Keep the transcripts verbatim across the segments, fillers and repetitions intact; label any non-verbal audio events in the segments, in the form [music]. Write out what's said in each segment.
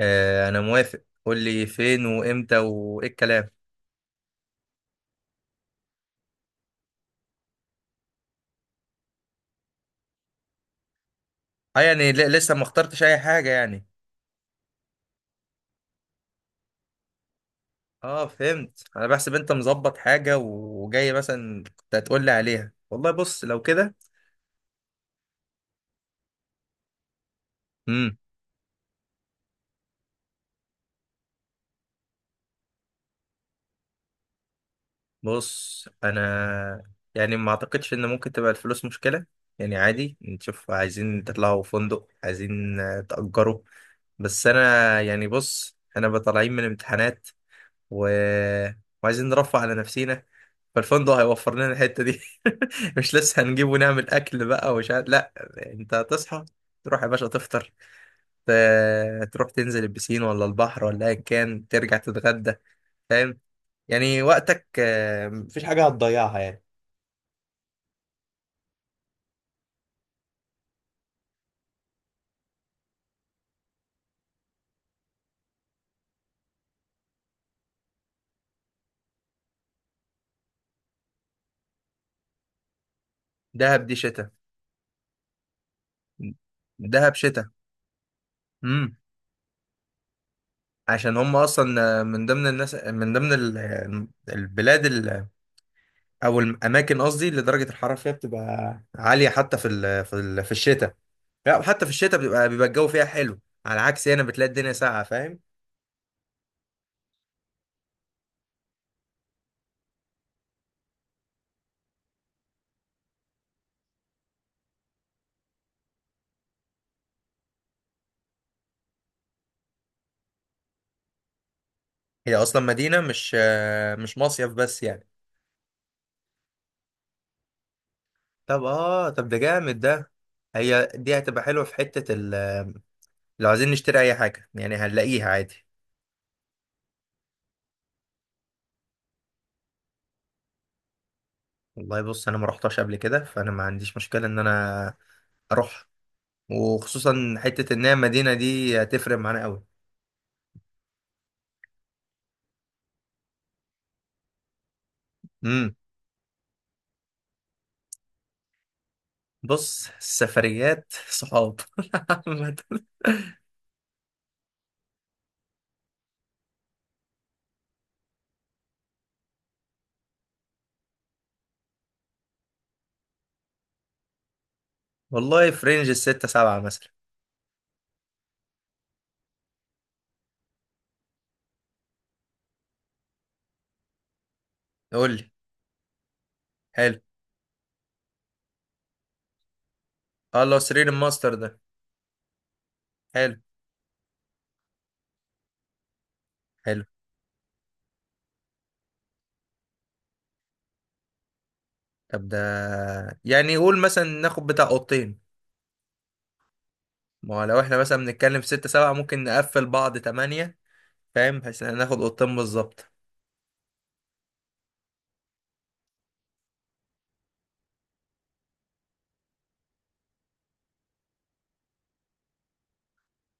آه انا موافق، قول لي فين وامتى وايه الكلام. اه يعني ل- لسه ما اخترتش اي حاجه يعني. اه فهمت، انا بحسب انت مظبط حاجه وجاي مثلا كنت هتقول لي عليها. والله بص لو كده. امم بص انا يعني ما اعتقدش ان ممكن تبقى الفلوس مشكله. يعني عادي، نشوف عايزين تطلعوا فندق، عايزين آه، تأجروا. بس انا يعني بص، انا بطالعين من امتحانات و... وعايزين نرفه على نفسينا، فالفندق هيوفر لنا الحتة دي. [laughs] مش لسه هنجيب ونعمل أكل بقى ومش عارف، لا. أنت هتصحى، تروح يا باشا تفطر، ت- تروح تنزل البسين ولا البحر ولا أيا كان، ترجع تتغدى، فاهم؟ يعني وقتك، آه، مفيش حاجة هتضيعها يعني. دهب دي شتاء. دهب شتاء. امم. عشان هم اصلا من ضمن الناس، من ضمن ال- البلاد ال- او الاماكن قصدي اللي درجه الحراره فيها بتبقى عاليه حتى في ال- في ال- في الشتاء. لا، وحتى في الشتاء بتبقى بيبقى الجو فيها حلو. على عكس هنا بتلاقي الدنيا ساقعة، فاهم. هي أصلا مدينة مش، آه، مش مصيف بس يعني. طب اه، طب ده جامد ده. هي دي هتبقى حلوة في حتة ال، لو عايزين نشتري أي حاجة يعني هنلاقيها عادي. والله بص، أنا ما رحتش قبل كده، فأنا ما عنديش مشكلة إن أنا أروح. وخصوصا حتة إن هي المدينة دي هتفرق معانا أوي. امم. بص السفريات صحاب [laughs] عامة. والله في رينج الستة سبعة مثلا. قول لي. حلو. اه اللي هو سرير الماستر ده. حلو. حلو. طب ده، يعني قول مثلا ناخد بتاع اوضتين. ما هو لو احنا مثلا بنتكلم في ستة سبعة ممكن نقفل بعض تمانية، فاهم، بحيث ان ناخد اوضتين بالظبط.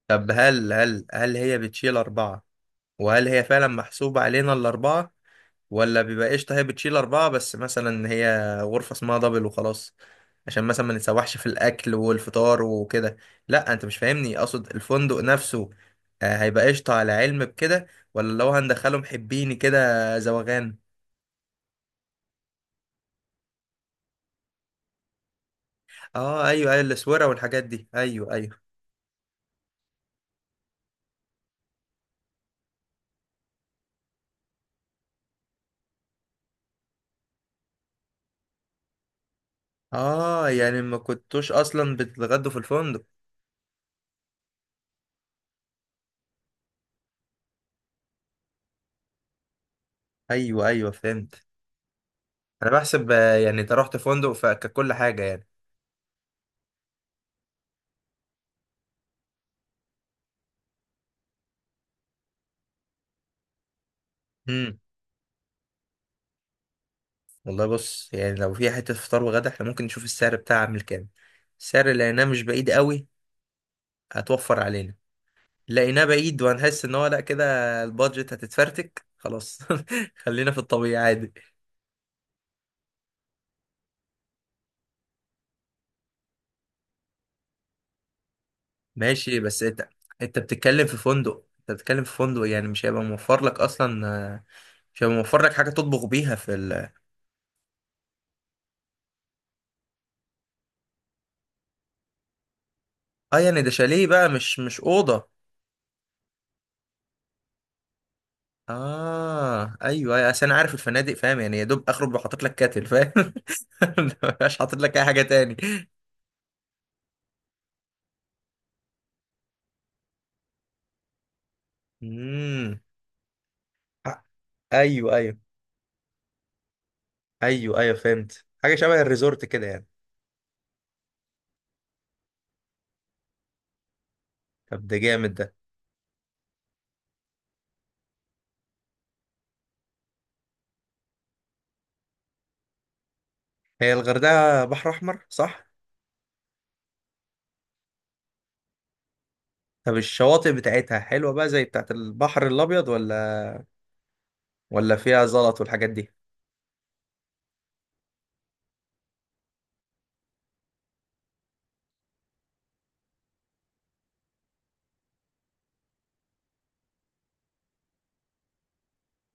طب هل هل هل هي بتشيل أربعة؟ وهل هي فعلا محسوبة علينا الأربعة؟ ولا بيبقى قشطة هي بتشيل أربعة بس مثلا هي غرفة اسمها دبل وخلاص، عشان مثلا ما نتسوحش في الأكل والفطار وكده. لا أنت مش فاهمني، أقصد الفندق نفسه آه، هيبقى قشطة على علم بكده، ولا لو هندخله محبيني كده زوغان. اه ايوه ايوه الاسوره والحاجات دي، ايوه ايوه. اه يعني ما كنتوش اصلا بتتغدوا في الفندق. ايوه ايوه فهمت. انا بحسب، آه، يعني انت رحت فندق فككل حاجه. يعني والله بص، يعني لو في حتة فطار وغدا احنا ممكن نشوف السعر بتاعها عامل كام. السعر اللي لقيناه مش بعيد قوي هتوفر علينا. لقيناه بعيد وهنحس ان هو لا كده، البادجت هتتفرتك خلاص. [laughs] خلينا في الطبيعي عادي. ماشي بس انت، انت بتتكلم في فندق، انت بتتكلم في فندق يعني مش هيبقى موفر لك اصلا آه، مش هيبقى موفر لك حاجة تطبخ بيها في ال. اه يعني ده شاليه بقى، مش مش أوضة. اه ايوه أيوة، عشان عارف الفنادق فاهم يعني، يا دوب اخرج وحاطط لك كاتل فاهم. [laughs] مش حاطط لك اي حاجه تاني. امم. ايوه ايوه. ايوه ايوه فهمت، حاجه شبه الريزورت كده يعني. طب ده جامد ده. هي الغردقه بحر احمر صح؟ طب الشواطئ بتاعتها حلوه بقى زي بتاعت البحر الابيض ولا، ولا فيها زلط والحاجات دي؟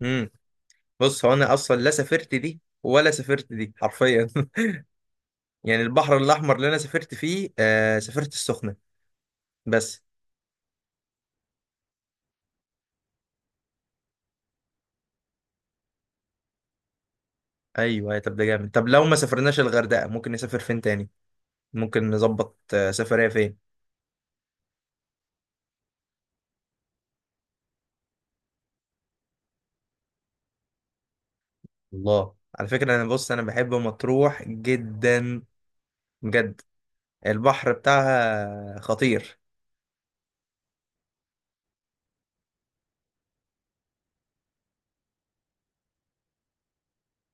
امم. بص هو انا اصلا لا سافرت دي ولا سافرت دي حرفيا [laughs] يعني. البحر الاحمر اللي انا سافرت فيه آه سافرت السخنه بس. ايوه أيوة، طب ده جامد. طب لو ما سافرناش الغردقه ممكن نسافر فين تاني؟ ممكن نظبط آه، سفريه فين؟ الله على فكره، انا بص انا بحب مطروح جدا، بجد. البحر بتاعها خطير.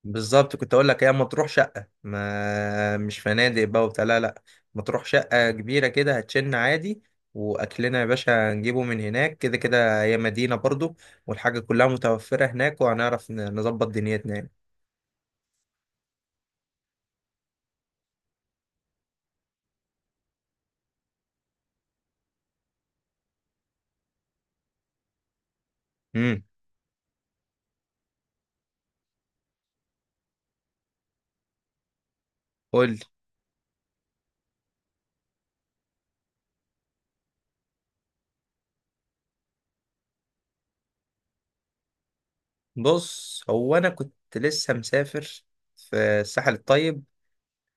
بالظبط، كنت اقول لك هي مطروح شقه، ما مش فنادق بقى وبتاع، لا لا. مطروح شقه كبيره كده هتشن عادي. واكلنا يا باشا نجيبه من هناك، كده كده هي مدينه برضو والحاجه كلها متوفره هناك، وهنعرف ن- نظبط دنيتنا يعني. امم. قول. بص هو انا كنت لسه مسافر في الساحل الطيب،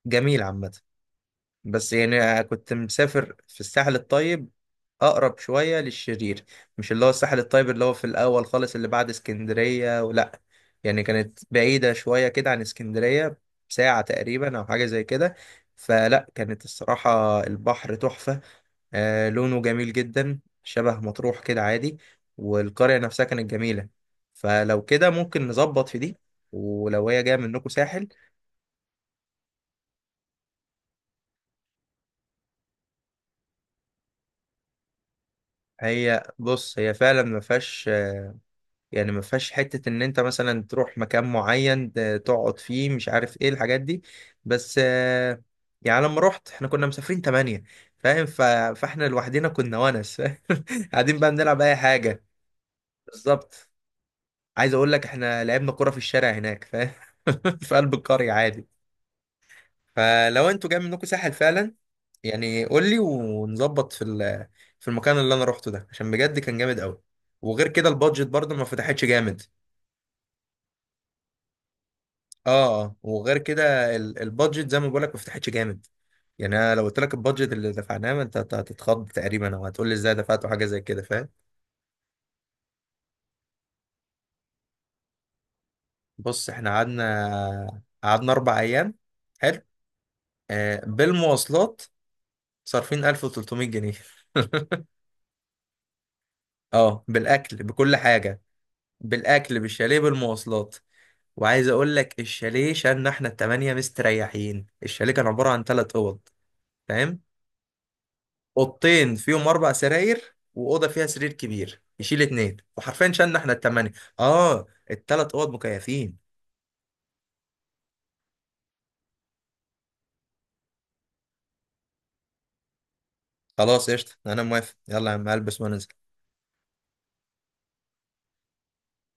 جميل عامه. بس يعني كنت مسافر في الساحل الطيب اقرب شويه للشرير، مش اللي هو الساحل الطيب اللي هو في الاول خالص اللي بعد اسكندريه، ولا يعني كانت بعيده شويه كده عن اسكندريه، ساعه تقريبا او حاجه زي كده. فلا، كانت الصراحه البحر تحفه، آه لونه جميل جدا شبه مطروح كده عادي، والقرية نفسها كانت جميلة. فلو كده ممكن نظبط في دي، ولو هي جاية منكم ساحل. هي بص هي فعلا ما فيهاش، يعني ما فيهاش حتة ان انت مثلا تروح مكان معين ت- تقعد فيه، مش عارف ايه الحاجات دي. بس آه، يعني لما رحت احنا كنا مسافرين تمانية، فاهم، ف... فاحنا لوحدنا كنا ونس [laughs] قاعدين بقى بنلعب اي حاجة. بالظبط، عايز اقول لك احنا لعبنا كرة في الشارع هناك فاهم [laughs] في قلب القرية عادي. فلو انتوا جاي منكم ساحل فعلا، يعني قول لي ونظبط في ال- في المكان اللي انا روحته ده، عشان بجد كان جامد قوي. وغير كده البادجت برضه ما فتحتش جامد. اه اه، وغير كده ال- البادجت زي ما بقول لك ما فتحتش جامد. يعني انا لو قلت لك البادجت اللي دفعناه، ما انت هت- هتتخض تقريبا، او هتقول لي ازاي دفعت حاجه زي كده، فاهم. بص احنا قعدنا قعدنا اربع ايام. حلو. آه بالمواصلات، صارفين ألف وتلتمية جنيه [laughs] اه بالاكل بكل حاجه. بالاكل بالشاليه بالمواصلات. وعايز اقول لك الشاليه شالنا احنا التمانية مستريحين، الشاليه كان عباره عن ثلاث اوض، فاهم، اوضتين فيهم اربع سراير واوضه فيها سرير كبير يشيل اتنين، وحرفيا شالنا احنا التمانية. اه الثلاث اوض مكيفين. خلاص قشطه انا موافق، يلا يا عم البس وننزل.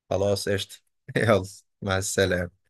خلاص قشطه [laughs] يلا. مع السلامه.